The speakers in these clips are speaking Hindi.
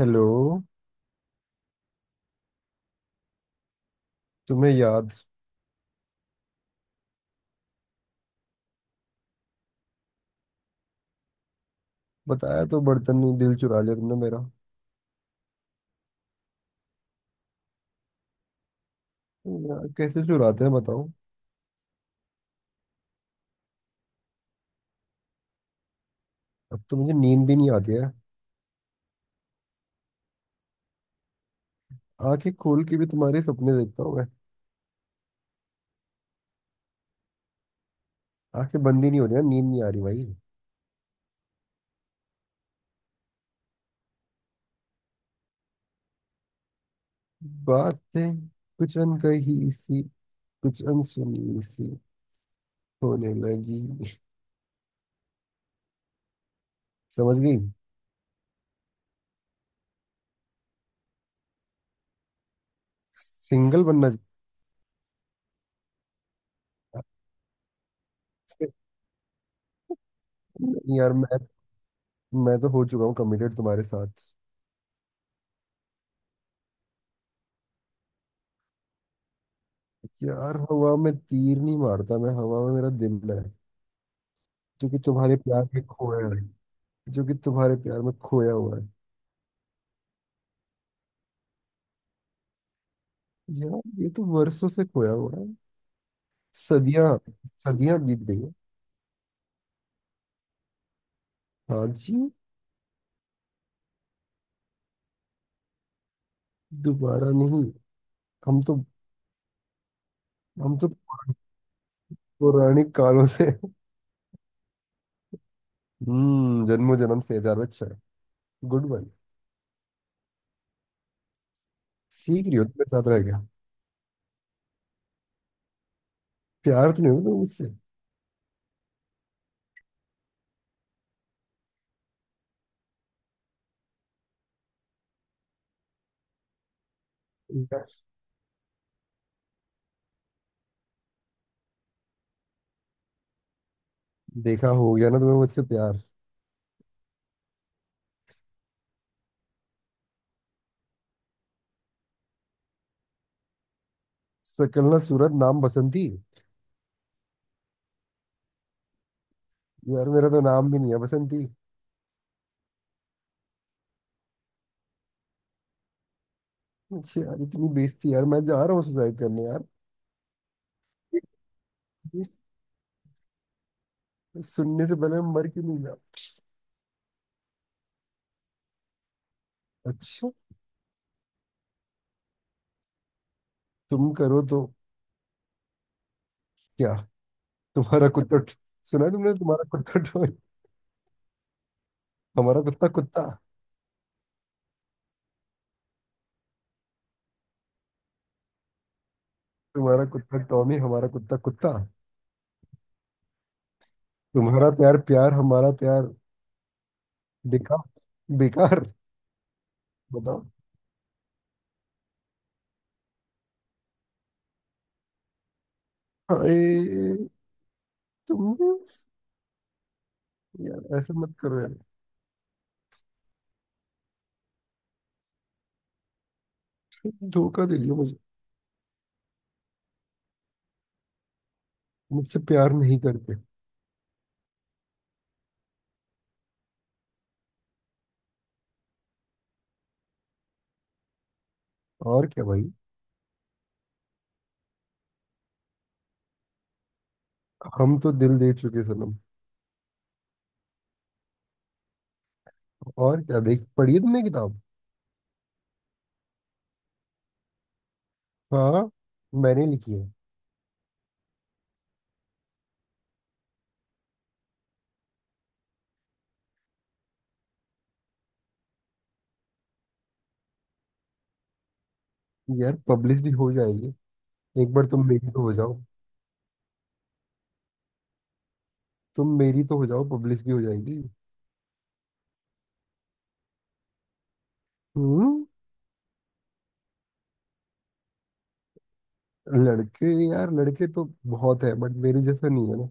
हेलो। तुम्हें याद? बताया तो, बर्तन नहीं दिल चुरा लिया तुमने मेरा। यार कैसे चुराते हैं बताओ। अब तो मुझे नींद भी नहीं आती है। आंखें खोल के भी तुम्हारे सपने देखता हूँ मैं। आंखें बंद ही नहीं हो रही ना, नींद नहीं आ रही भाई। बातें, कुछ अनकही सी, कुछ अनसुनी सी होने लगी। समझ गई। सिंगल बनना चाहिए। नहीं यार, मैं तो हो चुका हूँ कमिटेड तुम्हारे साथ। यार हवा में तीर नहीं मारता मैं, हवा में मेरा दिल है। जो कि तुम्हारे प्यार में खोया है। जो कि तुम्हारे प्यार में खोया हुआ है। यार ये तो वर्षों से खोया हुआ है। सदियां। सदियां बीत गई है। हाँ जी। दोबारा नहीं। हम तो। हम तो पौराणिक कालों से। हम्म, जन्मों जन्म से ज्यादा अच्छा है। Good one. सीख रही हो, तुम्हें साथ रह गया। प्यार तो नहीं होगा तुम्हें मुझसे? देखा! देखा, हो गया ना तुम्हें मुझसे प्यार। सकल ना सूरत नाम बसंती। यार मेरा तो नाम भी नहीं है बसंती। यार इतनी बेइज्जती, यार मैं जा रहा हूँ सुसाइड करने। यार सुनने से पहले मैं मर क्यों नहीं गया। अच्छा तुम करो तो? क्या? तुम्हारा कुत्ता, सुना है तुमने? तुम्हारा कुत्ता टॉमी, हमारा कुत्ता कुत्ता। तुम्हारा कुत्ता टॉमी, हमारा कुत्ता कुत्ता। तुम्हारा प्यार प्यार, हमारा प्यार बेकार। बेकार। बताओ। अरे तुम! यार ऐसा मत करो यार। तुम धोखा दे लियो मुझे। मुझसे प्यार नहीं करते। और क्या भाई। हम तो दिल दे चुके सनम। और क्या, देख पढ़ी है तुमने किताब? हाँ, मैंने लिखी है। यार पब्लिश भी हो जाएगी। एक बार तुम मेरी तो हो जाओ। तुम मेरी तो हो जाओ, पब्लिश भी हो जाएगी। हम्म। लड़के, यार लड़के तो बहुत है, बट मेरे जैसा नहीं है ना।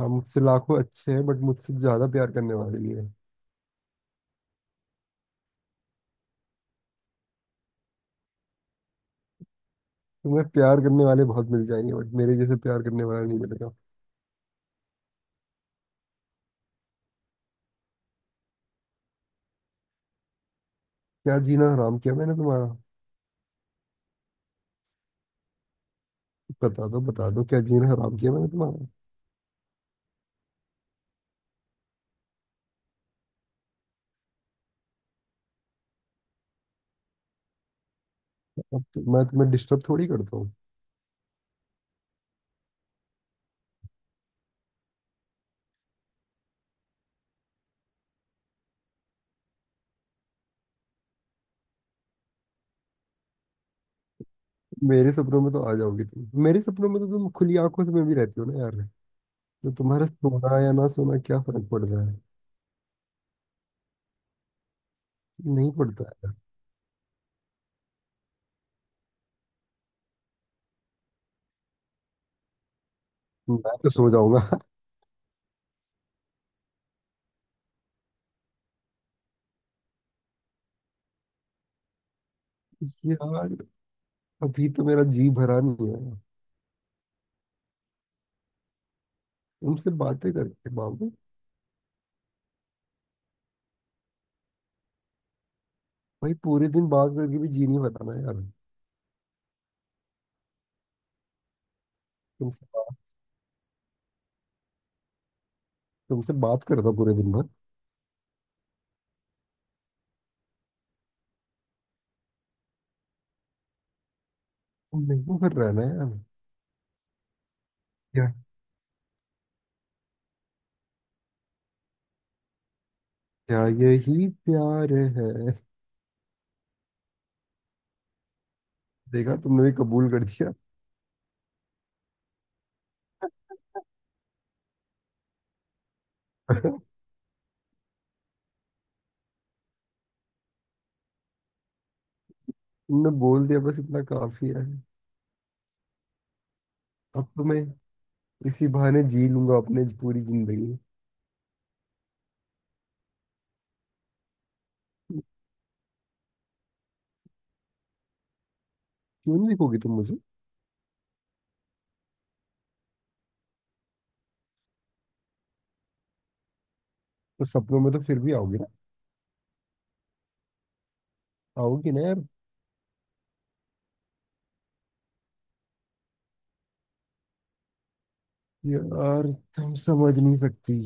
हम, मुझसे लाखों अच्छे हैं बट मुझसे ज्यादा प्यार करने वाले भी हैं। तुम्हें प्यार करने वाले बहुत मिल जाएंगे, बट मेरे जैसे प्यार करने वाला नहीं मिलेगा। क्या जीना हराम किया मैंने तुम्हारा? बता दो, बता दो, क्या जीना हराम किया मैंने तुम्हारा। अब तो मैं तुम्हें डिस्टर्ब थोड़ी करता हूँ। मेरे सपनों में तो आ जाओगी, तुम मेरे सपनों में तो, तुम खुली आंखों से मैं भी रहती हो ना यार। तो तुम्हारा सोना या ना सोना क्या फर्क पड़ता है। नहीं पड़ता। मैं तो सो जाऊंगा। यार अभी तो मेरा जी भरा नहीं है। तुमसे बातें करके बाबू। भाई पूरे दिन बात करके भी जी नहीं भरा ना यार। तुमसे बात, तुमसे बात कर रहा था पूरे दिन भर। तुम नहीं कर रहा है ना यार। क्या? क्या यही प्यार है? देखा, तुमने भी कबूल कर दिया। तुमने बोल दिया बस इतना काफी है। अब तो मैं इसी बहाने जी लूंगा अपने पूरी जिंदगी। क्यों नहीं देखोगी तुम मुझे? तो सपनों में तो फिर भी आओगी ना? आओगी ना यार। यार तुम समझ नहीं सकती।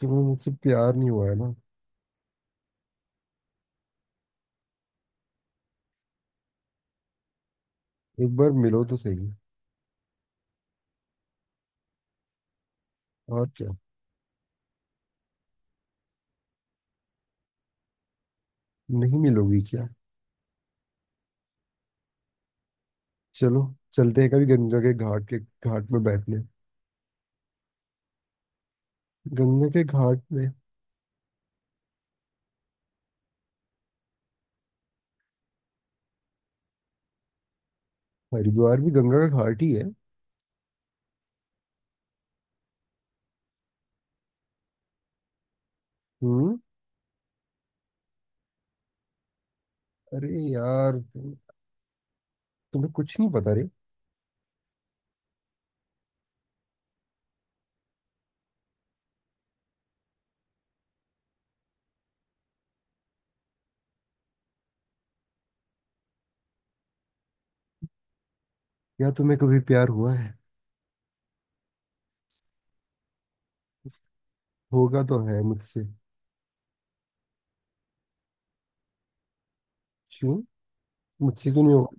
तुम्हें मुझसे प्यार नहीं हुआ है ना। एक बार मिलो तो सही। और क्या। नहीं मिलोगी क्या? चलो, चलते हैं कभी गंगा के घाट, के घाट में बैठने। गंगा के घाट में। हरिद्वार भी गंगा का घाट ही है। हम्म। अरे यार तुम, तुम्हें कुछ नहीं पता रे। यार तुम्हें कभी प्यार हुआ है? होगा तो है मुझसे। क्यों? मुझसे क्यों नहीं होगा?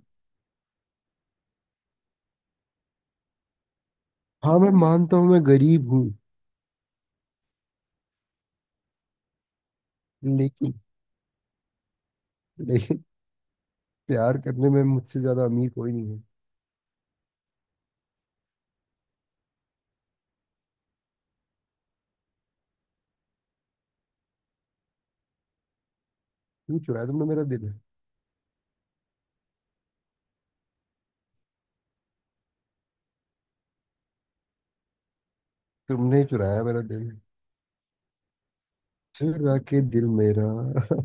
हाँ मैं मानता हूँ मैं गरीब हूँ, लेकिन, लेकिन प्यार करने में मुझसे ज्यादा अमीर कोई नहीं है। क्यों चुराया तुमने मेरा दिल? तुमने ही चुराया मेरा दिल। फिर आके दिल मेरा।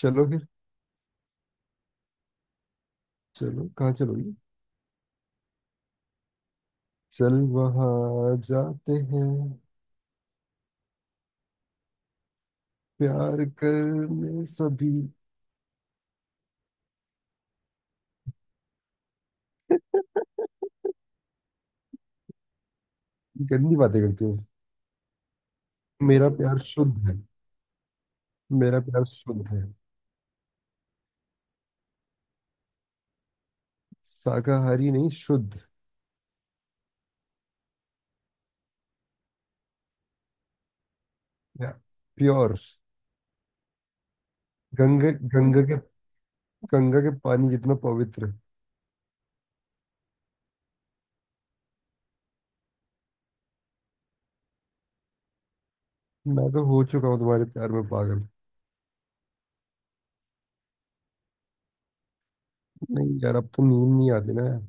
चलो फिर। चलो कहाँ चलोगी? चल वहां जाते हैं, प्यार करने। सभी गंदी बातें करती हूँ, मेरा प्यार शुद्ध है। मेरा प्यार शुद्ध है। शाकाहारी नहीं, शुद्ध। प्योर। गंगे, गंगा के, गंगा के पानी जितना पवित्र। मैं तो हो चुका हूँ तुम्हारे प्यार में पागल। नहीं यार, अब तो नींद नहीं आती ना यार।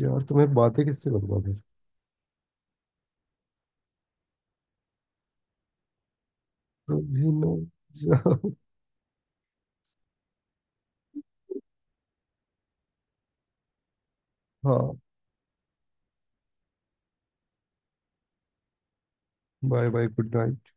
यार तुम्हें बातें किससे करूंगा फिर? कभी ना जाओ। हाँ। Bye bye, good night.